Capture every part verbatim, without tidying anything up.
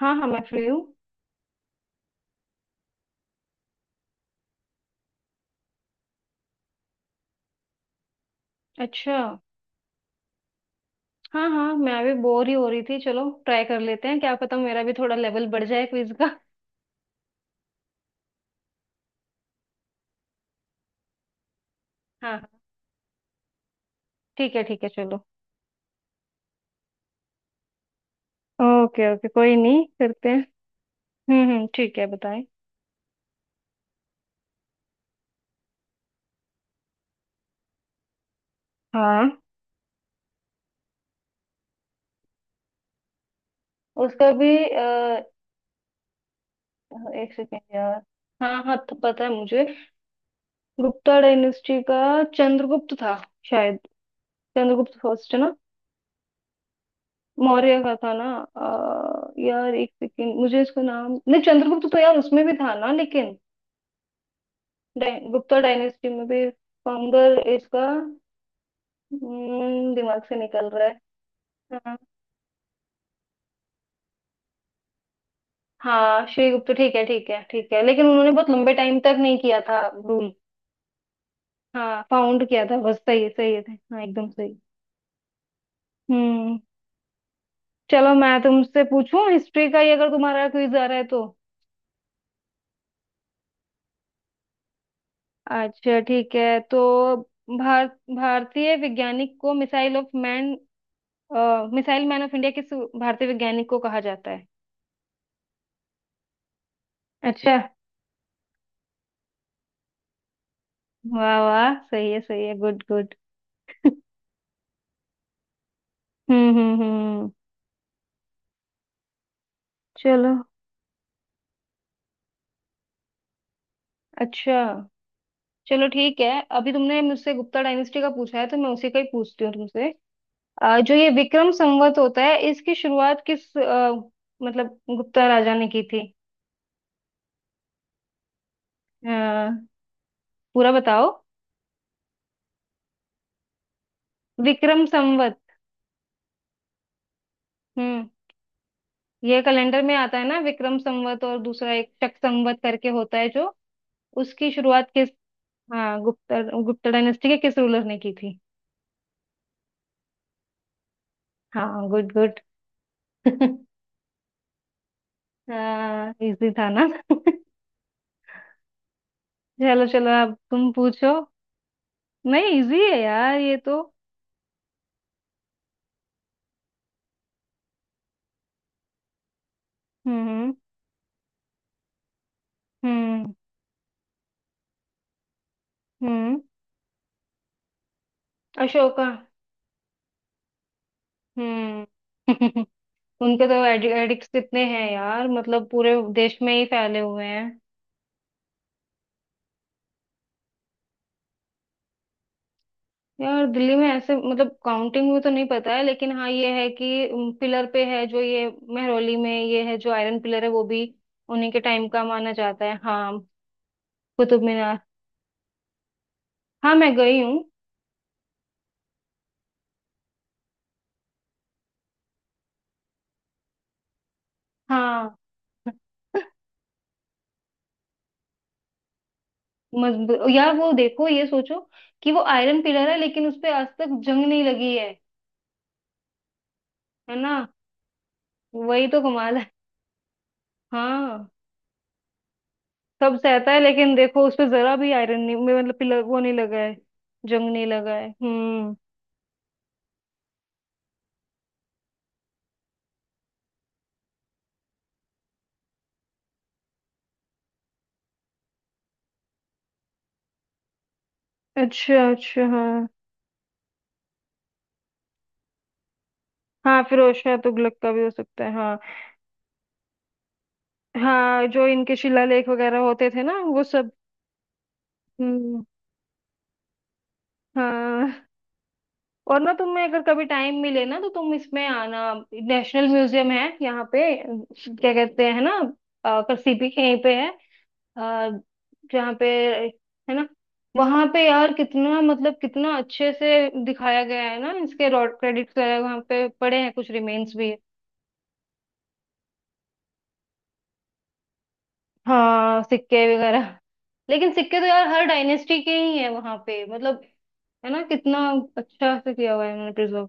हाँ हाँ, मैं फ्री हूँ। अच्छा। हाँ हाँ, मैं भी बोर ही हो रही थी। चलो ट्राई कर लेते हैं, क्या पता मेरा भी थोड़ा लेवल बढ़ जाए क्विज का। हाँ हाँ, ठीक है ठीक है, चलो। ओके ओके, कोई नहीं, करते हैं। हम्म हम्म, ठीक है, बताएं। हाँ, उसका भी अ, एक सेकेंड यार। हाँ हाँ, तो पता है मुझे गुप्ता डायनेस्टी का। चंद्रगुप्त था शायद। चंद्रगुप्त फर्स्ट है ना? मौर्य का था ना? अ, यार एक सेकेंड, मुझे इसका नाम नहीं। चंद्रगुप्त तो यार उसमें भी था ना लेकिन। डाय- गुप्ता डायनेस्टी में भी फाउंडर इसका। हम्म, दिमाग से निकल रहा है। हाँ। हाँ श्री गुप्ता, ठीक है ठीक है ठीक है, लेकिन उन्होंने बहुत लंबे टाइम तक नहीं किया था रूल। हाँ, फाउंड किया था बस, सही है सही है। हाँ एकदम सही। हम्म। चलो मैं तुमसे पूछूं हिस्ट्री का ही, अगर तुम्हारा क्विज आ रहा है तो। अच्छा ठीक है, तो भारत भारतीय वैज्ञानिक को missile of man missile man of India किस भारतीय वैज्ञानिक को कहा जाता है? अच्छा। वाह वाह, सही है सही है, गुड गुड। हम्म हम्म हम्म। चलो। अच्छा। चलो ठीक है। अभी तुमने मुझसे गुप्ता डायनेस्टी का पूछा है तो मैं उसी का ही पूछती हूँ तुमसे। अ, जो ये विक्रम संवत होता है, इसकी शुरुआत किस अ, मतलब गुप्ता राजा ने की थी? आ, पूरा बताओ। विक्रम संवत। हम्म। ये कैलेंडर में आता है ना विक्रम संवत, और दूसरा एक शक संवत करके होता है जो, उसकी शुरुआत किस, हाँ, गुप्ता गुप्ता डायनेस्टी के किस रूलर ने की थी? हाँ गुड गुड। हाँ इजी था ना? चलो चलो, अब तुम पूछो। नहीं इजी है यार ये तो। हम्म हम्म हम्म हम्म। अशोका। हम्म। उनके तो एडिक्ट्स कितने हैं यार, मतलब पूरे देश में ही फैले हुए हैं। यार दिल्ली में ऐसे मतलब काउंटिंग में तो नहीं पता है, लेकिन हाँ ये है कि पिलर पे है जो ये, महरौली में ये है जो आयरन पिलर है, वो भी उन्हीं के टाइम का माना जाता है हाँ। कुतुब मीनार। हाँ मैं गई हूँ। हाँ। मजबूत यार, वो देखो, ये सोचो कि वो आयरन पिलर है लेकिन उस पे आज तक जंग नहीं लगी है। है ना? वही तो कमाल है। हाँ, सब सहता है, लेकिन देखो उस पे जरा भी आयरन नहीं, मतलब पिलर वो नहीं लगा है, जंग नहीं लगा है। हम्म। अच्छा अच्छा, हाँ। हाँ फिरोज शाह तुगलक का भी हो सकता है हाँ। हाँ, जो इनके शिलालेख वगैरह होते थे ना वो सब। हम्म। हाँ, और ना तुम्हें अगर कभी टाइम मिले ना, तो तुम इसमें आना, नेशनल म्यूजियम है यहाँ पे, क्या कहते हैं ना, अ, सीपी के यहीं पे है, अ, जहाँ पे है ना। वहां पे यार कितना मतलब, कितना अच्छे से दिखाया गया है ना, इसके रॉड क्रेडिट्स वगैरह वहाँ पे पड़े हैं, कुछ रिमेन्स भी है। हाँ सिक्के वगैरह। लेकिन सिक्के तो यार हर डायनेस्टी के ही है वहां पे मतलब, है ना, कितना अच्छा से किया हुआ है उन्होंने प्रिजर्व।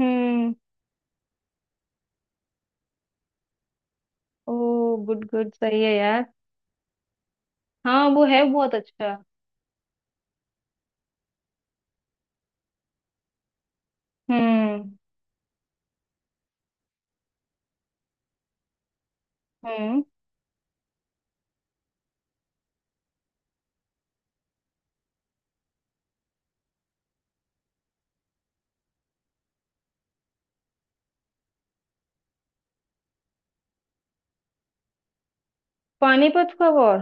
हम्म। ओ, गुड गुड सही है यार। हाँ वो है बहुत अच्छा। हम्म हम्म। पानीपत का war.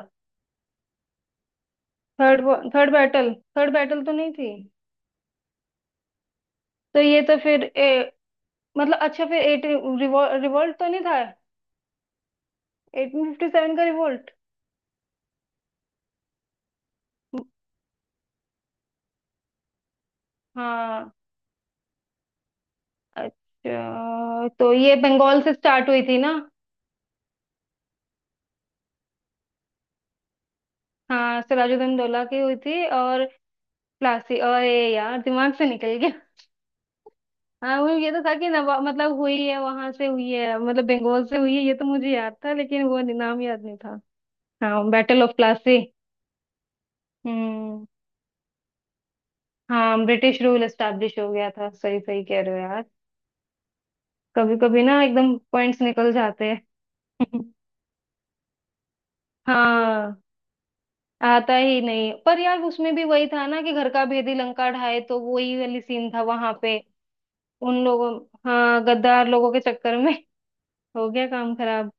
Third third battle third battle तो नहीं थी। तो ये तो फिर ए, मतलब अच्छा, फिर एट रिवोल्ट तो नहीं था? अठारह सौ सत्तावन का रिवोल्ट। हाँ। अच्छा, तो ये बंगाल से स्टार्ट हुई थी ना? हाँ, सिराजुद्दौला दौला की हुई थी, और प्लासी, और ये यार दिमाग से निकल गया। हाँ, वो ये तो था कि नवा मतलब हुई है वहां से, हुई है मतलब बंगाल से हुई है, ये तो मुझे याद था लेकिन वो नाम याद नहीं था। हाँ, बैटल ऑफ प्लासी। हम्म। हाँ, ब्रिटिश रूल एस्टैब्लिश हो गया था। सही सही कह रहे हो यार, कभी कभी ना एकदम पॉइंट्स निकल जाते हैं। हाँ, आता ही नहीं, पर यार उसमें भी वही था ना कि घर का भेदी लंका ढाए, तो वही वाली सीन था वहां पे। उन लोगों, हाँ गद्दार लोगों के चक्कर में हो गया काम खराब।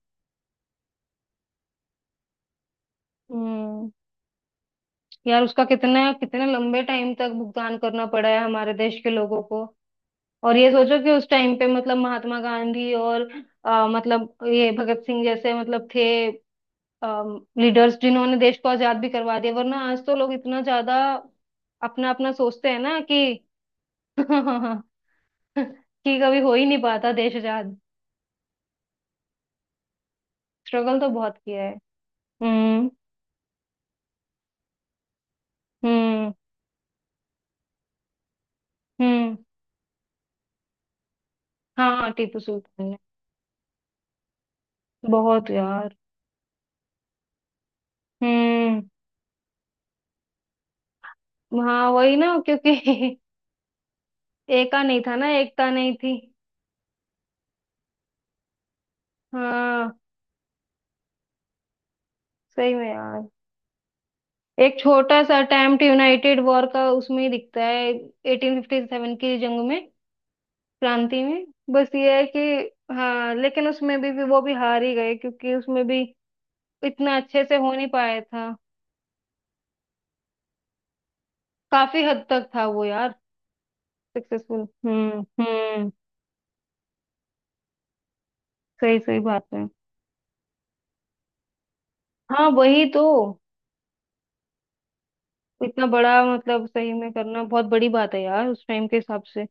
हम्म। यार उसका कितना कितना लंबे टाइम तक भुगतान करना पड़ा है हमारे देश के लोगों को। और ये सोचो कि उस टाइम पे मतलब महात्मा गांधी और अ, मतलब ये भगत सिंह जैसे मतलब थे लीडर्स, जिन्होंने देश को आजाद भी करवा दिया, वरना आज तो लोग इतना ज्यादा अपना अपना सोचते हैं ना, कि कि कभी हो ही नहीं पाता देश आजाद। स्ट्रगल तो बहुत किया है। हम्म हम्म हम्म। हाँ टीपू सुल्तान ने। बहुत यार। हम्म। हाँ वही ना क्योंकि एका नहीं था ना, एकता नहीं थी। हाँ। सही में यार। एक छोटा सा अटेम्प्ट यूनाइटेड वॉर का उसमें ही दिखता है, अठारह सौ सत्तावन की जंग में, क्रांति में। बस ये है कि हाँ, लेकिन उसमें भी, भी वो भी हार ही गए, क्योंकि उसमें भी इतना अच्छे से हो नहीं पाया था। काफी हद तक था वो यार। सक्सेसफुल। हम्म हम्म। सही सही बात है। हाँ वही तो। इतना बड़ा मतलब सही में करना बहुत बड़ी बात है यार उस टाइम के हिसाब से।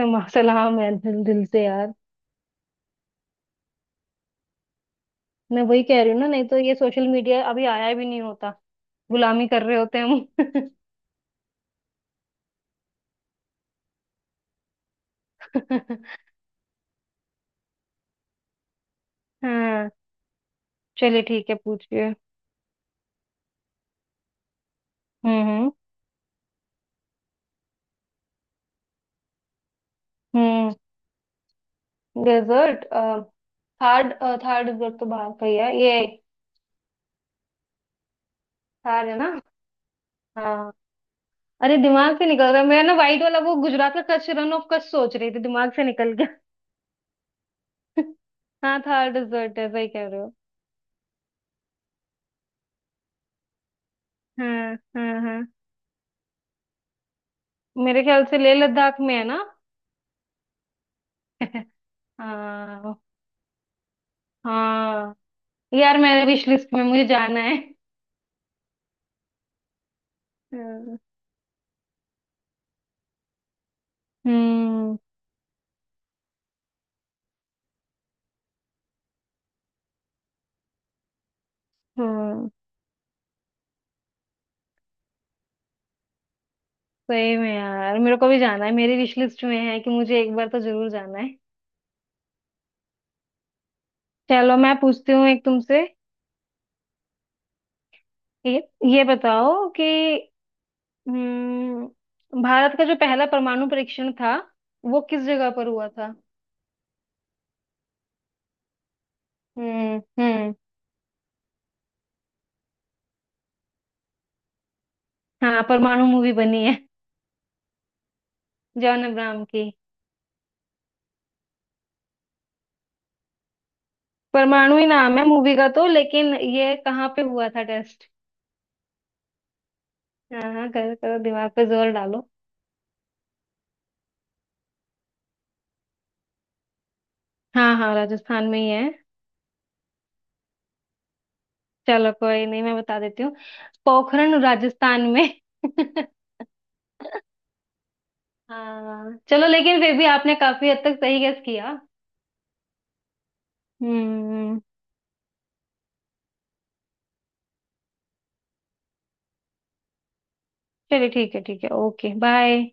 समा- सलाम है दिल दिल से यार। मैं वही कह रही हूँ ना, नहीं तो ये सोशल मीडिया अभी आया भी नहीं होता, गुलामी कर रहे होते हैं हम। हाँ। चलिए ठीक है, पूछिए। हम्म हम्म हम्म। डेजर्ट। थार्ड, थार्ड डेजर्ट तो बाहर का ही है ये। थार है ना? हाँ। अरे दिमाग से निकल रहा है, मैं ना वाइट वाला वो गुजरात का कच्छ, रन ऑफ कच्छ सोच रही थी, दिमाग से निकल गया। हाँ थार डेजर्ट है, सही कह रहे हो। हाँ हाँ हाँ। मेरे ख्याल से लेह लद्दाख में है ना? हाँ हाँ। यार, मैंने विश लिस्ट में, मुझे जाना है। हम्म हम्म। सही में यार मेरे को भी जाना है, मेरी विश लिस्ट में है कि मुझे एक बार तो जरूर जाना है। चलो मैं पूछती हूँ एक तुमसे। ये ये बताओ कि, हम्म, भारत का जो पहला परमाणु परीक्षण था, वो किस जगह पर हुआ था? हम्म हम्म। हाँ परमाणु मूवी बनी है। जॉन अब्राहम की। परमाणु ही नाम है मूवी का तो, लेकिन ये कहाँ पे हुआ था टेस्ट? हाँ हाँ, करो करो, दिमाग पे जोर डालो। हाँ हाँ, राजस्थान में ही है। चलो कोई नहीं, मैं बता देती हूँ। पोखरण, राजस्थान में। हाँ चलो, लेकिन फिर भी आपने काफी हद तक सही गेस किया। हम्म। चलिए ठीक है ठीक है, ओके बाय।